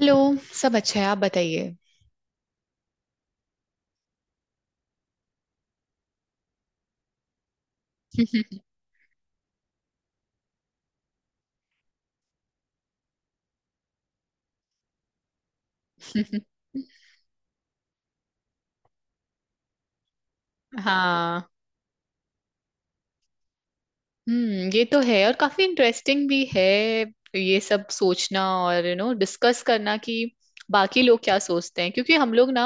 Hello. सब अच्छा है, आप बताइए। हाँ। हम्म, ये तो है और काफी इंटरेस्टिंग भी है। ये सब सोचना और डिस्कस करना कि बाकी लोग क्या सोचते हैं, क्योंकि हम लोग ना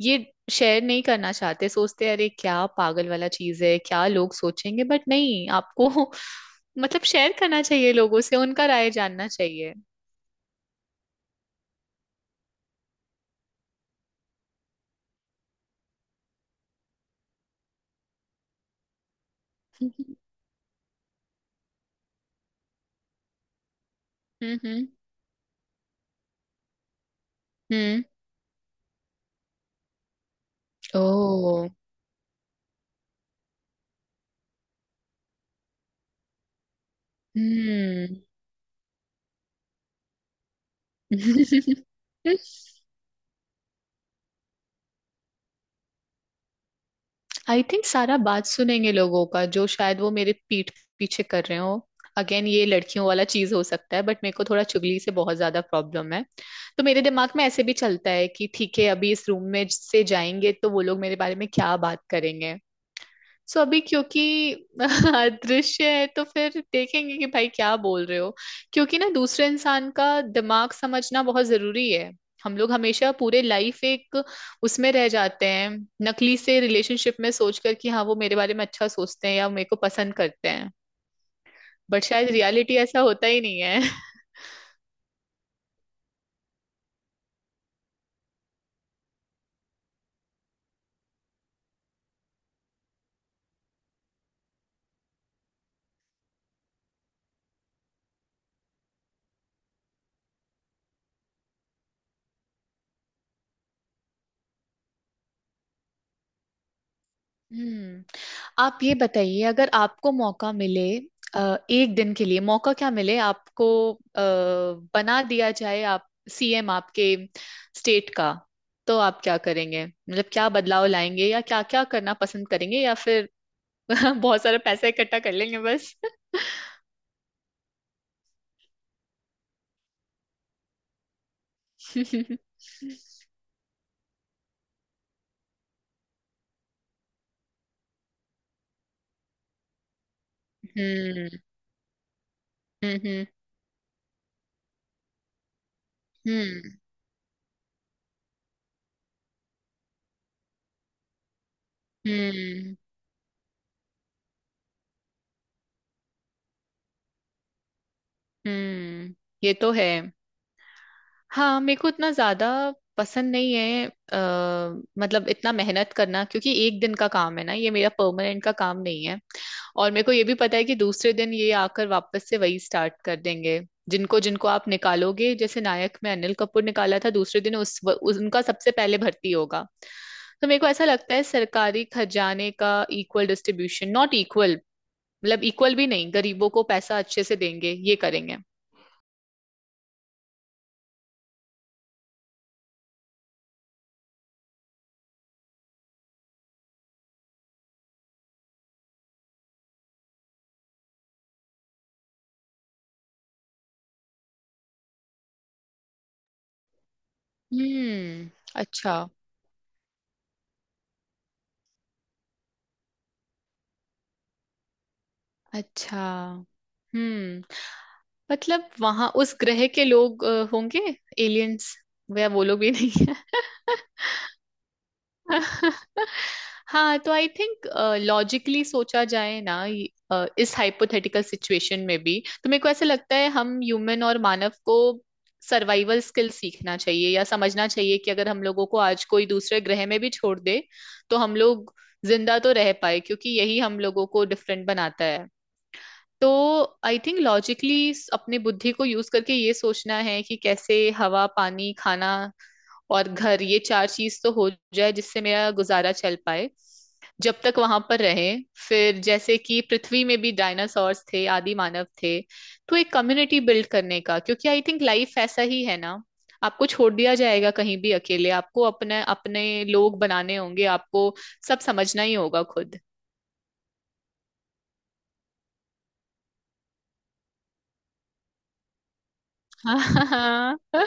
ये शेयर नहीं करना चाहते। सोचते हैं अरे क्या पागल वाला चीज है, क्या लोग सोचेंगे, बट नहीं आपको। मतलब शेयर करना चाहिए लोगों से, उनका राय जानना चाहिए। हम्म। हम्म। हम्म। ओ। हम्म। आई थिंक सारा बात सुनेंगे लोगों का जो शायद वो मेरे पीठ पीछे कर रहे हो। अगेन ये लड़कियों वाला चीज हो सकता है, बट मेरे को थोड़ा चुगली से बहुत ज्यादा प्रॉब्लम है। तो मेरे दिमाग में ऐसे भी चलता है कि ठीक है, अभी इस रूम में से जाएंगे तो वो लोग मेरे बारे में क्या बात करेंगे। सो अभी क्योंकि दृश्य है तो फिर देखेंगे कि भाई क्या बोल रहे हो। क्योंकि ना दूसरे इंसान का दिमाग समझना बहुत जरूरी है। हम लोग हमेशा पूरे लाइफ एक उसमें रह जाते हैं, नकली से रिलेशनशिप में सोचकर कि हाँ वो मेरे बारे में अच्छा सोचते हैं या मेरे को पसंद करते हैं। बट शायद रियलिटी ऐसा होता ही नहीं है। हम्म। आप ये बताइए, अगर आपको मौका मिले, एक दिन के लिए मौका क्या मिले आपको, अ, बना दिया जाए आप सीएम आपके स्टेट का, तो आप क्या करेंगे? मतलब क्या बदलाव लाएंगे या क्या क्या करना पसंद करेंगे, या फिर बहुत सारा पैसा इकट्ठा कर लेंगे बस। हम्म। हम्म। हम्म। हम्म। हम्म। हम्म, ये तो है। हाँ मेरे को इतना ज्यादा पसंद नहीं है, मतलब इतना मेहनत करना, क्योंकि एक दिन का काम है ना, ये मेरा परमानेंट का काम नहीं है। और मेरे को ये भी पता है कि दूसरे दिन ये आकर वापस से वही स्टार्ट कर देंगे जिनको जिनको आप निकालोगे। जैसे नायक में अनिल कपूर निकाला था, दूसरे दिन उस उनका सबसे पहले भर्ती होगा। तो मेरे को ऐसा लगता है सरकारी खजाने का इक्वल डिस्ट्रीब्यूशन, नॉट इक्वल। मतलब इक्वल भी नहीं, गरीबों को पैसा अच्छे से देंगे ये करेंगे। हम्म। अच्छा। अच्छा। हम्म, मतलब वहां उस ग्रह के लोग होंगे, एलियंस। वह वो लोग भी नहीं है। हाँ तो आई थिंक लॉजिकली सोचा जाए ना, इस हाइपोथेटिकल सिचुएशन में भी। तो मेरे को ऐसा लगता है हम ह्यूमन और मानव को सर्वाइवल स्किल सीखना चाहिए या समझना चाहिए कि अगर हम लोगों को आज कोई दूसरे ग्रह में भी छोड़ दे, तो हम लोग जिंदा तो रह पाए, क्योंकि यही हम लोगों को डिफरेंट बनाता है। तो आई थिंक लॉजिकली अपने बुद्धि को यूज करके ये सोचना है कि कैसे हवा, पानी, खाना और घर, ये चार चीज तो हो जाए जिससे मेरा गुजारा चल पाए जब तक वहां पर रहे। फिर जैसे कि पृथ्वी में भी डायनासोर्स थे, आदि मानव थे, तो एक कम्युनिटी बिल्ड करने का, क्योंकि आई थिंक लाइफ ऐसा ही है ना। आपको छोड़ दिया जाएगा कहीं भी अकेले, आपको अपने अपने लोग बनाने होंगे, आपको सब समझना ही होगा खुद। हाँ हाँ हाँ।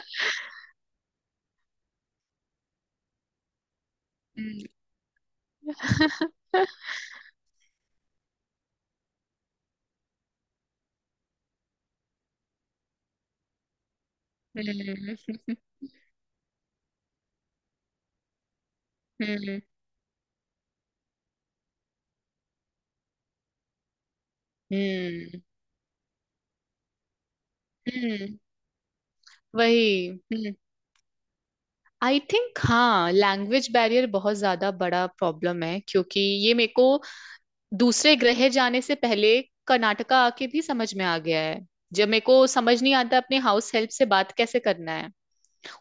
हम्म। हम्म। हम्म। हम्म। हम्म, वही। हम्म। आई थिंक हाँ, लैंग्वेज बैरियर बहुत ज्यादा बड़ा प्रॉब्लम है, क्योंकि ये मेरे को दूसरे ग्रह जाने से पहले कर्नाटका आके भी समझ में आ गया है। जब मेरे को समझ नहीं आता अपने हाउस हेल्प से बात कैसे करना है,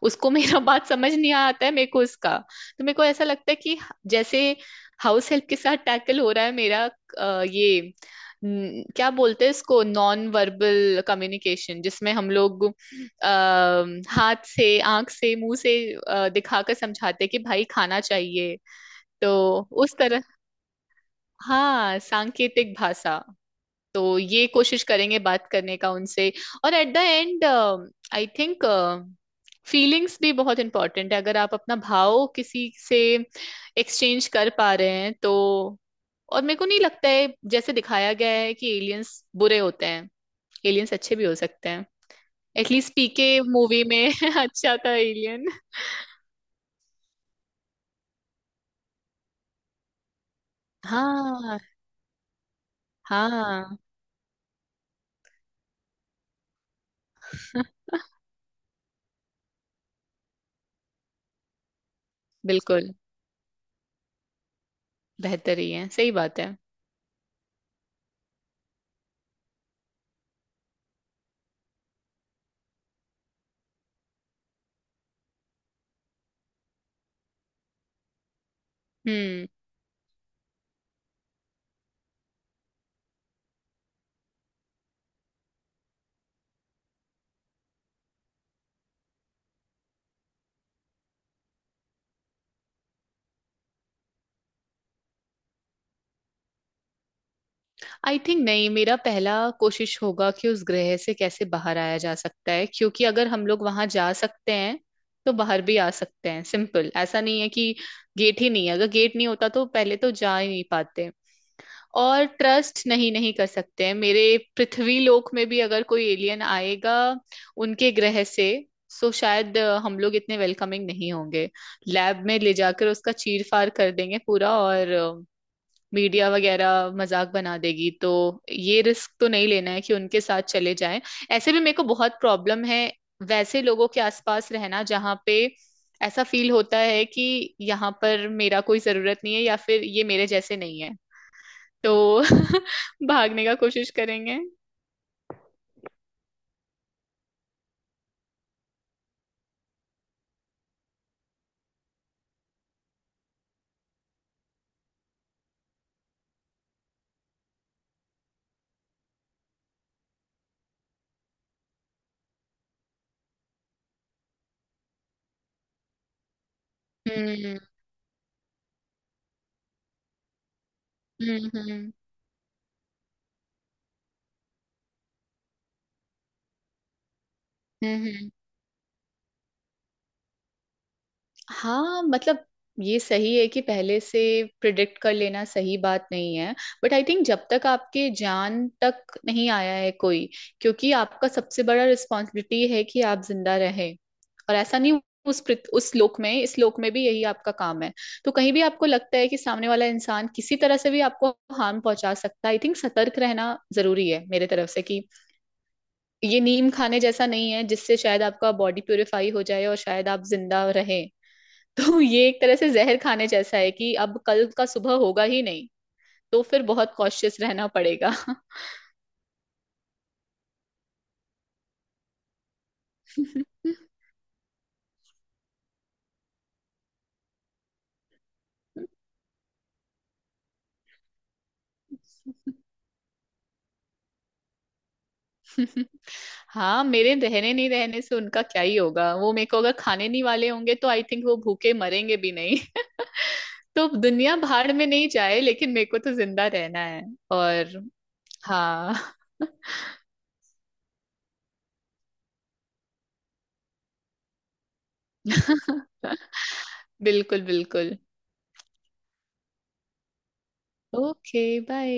उसको मेरा बात समझ नहीं आता है, मेरे को उसका। तो मेरे को ऐसा लगता है कि जैसे हाउस हेल्प के साथ टैकल हो रहा है मेरा, ये न, क्या बोलते हैं इसको, नॉन वर्बल कम्युनिकेशन, जिसमें हम लोग अः हाथ से, आंख से, मुंह से दिखाकर समझाते हैं कि भाई खाना चाहिए। तो उस तरह, हाँ, सांकेतिक भाषा, तो ये कोशिश करेंगे बात करने का उनसे। और at the end I think feelings भी बहुत इंपॉर्टेंट है, अगर आप अपना भाव किसी से एक्सचेंज कर पा रहे हैं तो। और मेरे को नहीं लगता है जैसे दिखाया गया है कि एलियंस बुरे होते हैं, एलियंस अच्छे भी हो सकते हैं। एटलीस्ट पीके मूवी में अच्छा था एलियन। हाँ हाँ, बिल्कुल बेहतर ही है, सही बात है। हम्म। आई थिंक नहीं, मेरा पहला कोशिश होगा कि उस ग्रह से कैसे बाहर आया जा सकता है, क्योंकि अगर हम लोग वहां जा सकते हैं तो बाहर भी आ सकते हैं। सिंपल, ऐसा नहीं है कि गेट ही नहीं है, अगर गेट नहीं होता तो पहले तो जा ही नहीं पाते। और ट्रस्ट नहीं नहीं कर सकते हैं मेरे। पृथ्वी लोक में भी अगर कोई एलियन आएगा उनके ग्रह से, सो शायद हम लोग इतने वेलकमिंग नहीं होंगे। लैब में ले जाकर उसका चीर फाड़ कर देंगे पूरा, और मीडिया वगैरह मजाक बना देगी। तो ये रिस्क तो नहीं लेना है कि उनके साथ चले जाएं। ऐसे भी मेरे को बहुत प्रॉब्लम है वैसे लोगों के आसपास रहना जहाँ पे ऐसा फील होता है कि यहाँ पर मेरा कोई जरूरत नहीं है, या फिर ये मेरे जैसे नहीं है। तो भागने का कोशिश करेंगे। हम्म। हम्म। हम्म। हम्म। हम्म। हाँ, मतलब ये सही है कि पहले से प्रिडिक्ट कर लेना सही बात नहीं है। बट आई थिंक जब तक आपके जान तक नहीं आया है कोई, क्योंकि आपका सबसे बड़ा रिस्पॉन्सिबिलिटी है कि आप जिंदा रहें। और ऐसा नहीं, उस उस लोक में, इस लोक में भी यही आपका काम है। तो कहीं भी आपको लगता है कि सामने वाला इंसान किसी तरह से भी आपको हार्म पहुंचा सकता है, आई थिंक सतर्क रहना जरूरी है मेरे तरफ से। कि ये नीम खाने जैसा नहीं है जिससे शायद आपका बॉडी प्यूरिफाई हो जाए और शायद आप जिंदा रहे। तो ये एक तरह से जहर खाने जैसा है कि अब कल का सुबह होगा ही नहीं। तो फिर बहुत कॉशियस रहना पड़ेगा। हाँ, मेरे रहने नहीं रहने से उनका क्या ही होगा, वो मेरे को अगर खाने नहीं वाले होंगे तो आई थिंक वो भूखे मरेंगे भी नहीं। तो दुनिया भाड़ में नहीं जाए, लेकिन मेरे को तो जिंदा रहना है। और हाँ। बिल्कुल बिल्कुल। Okay bye.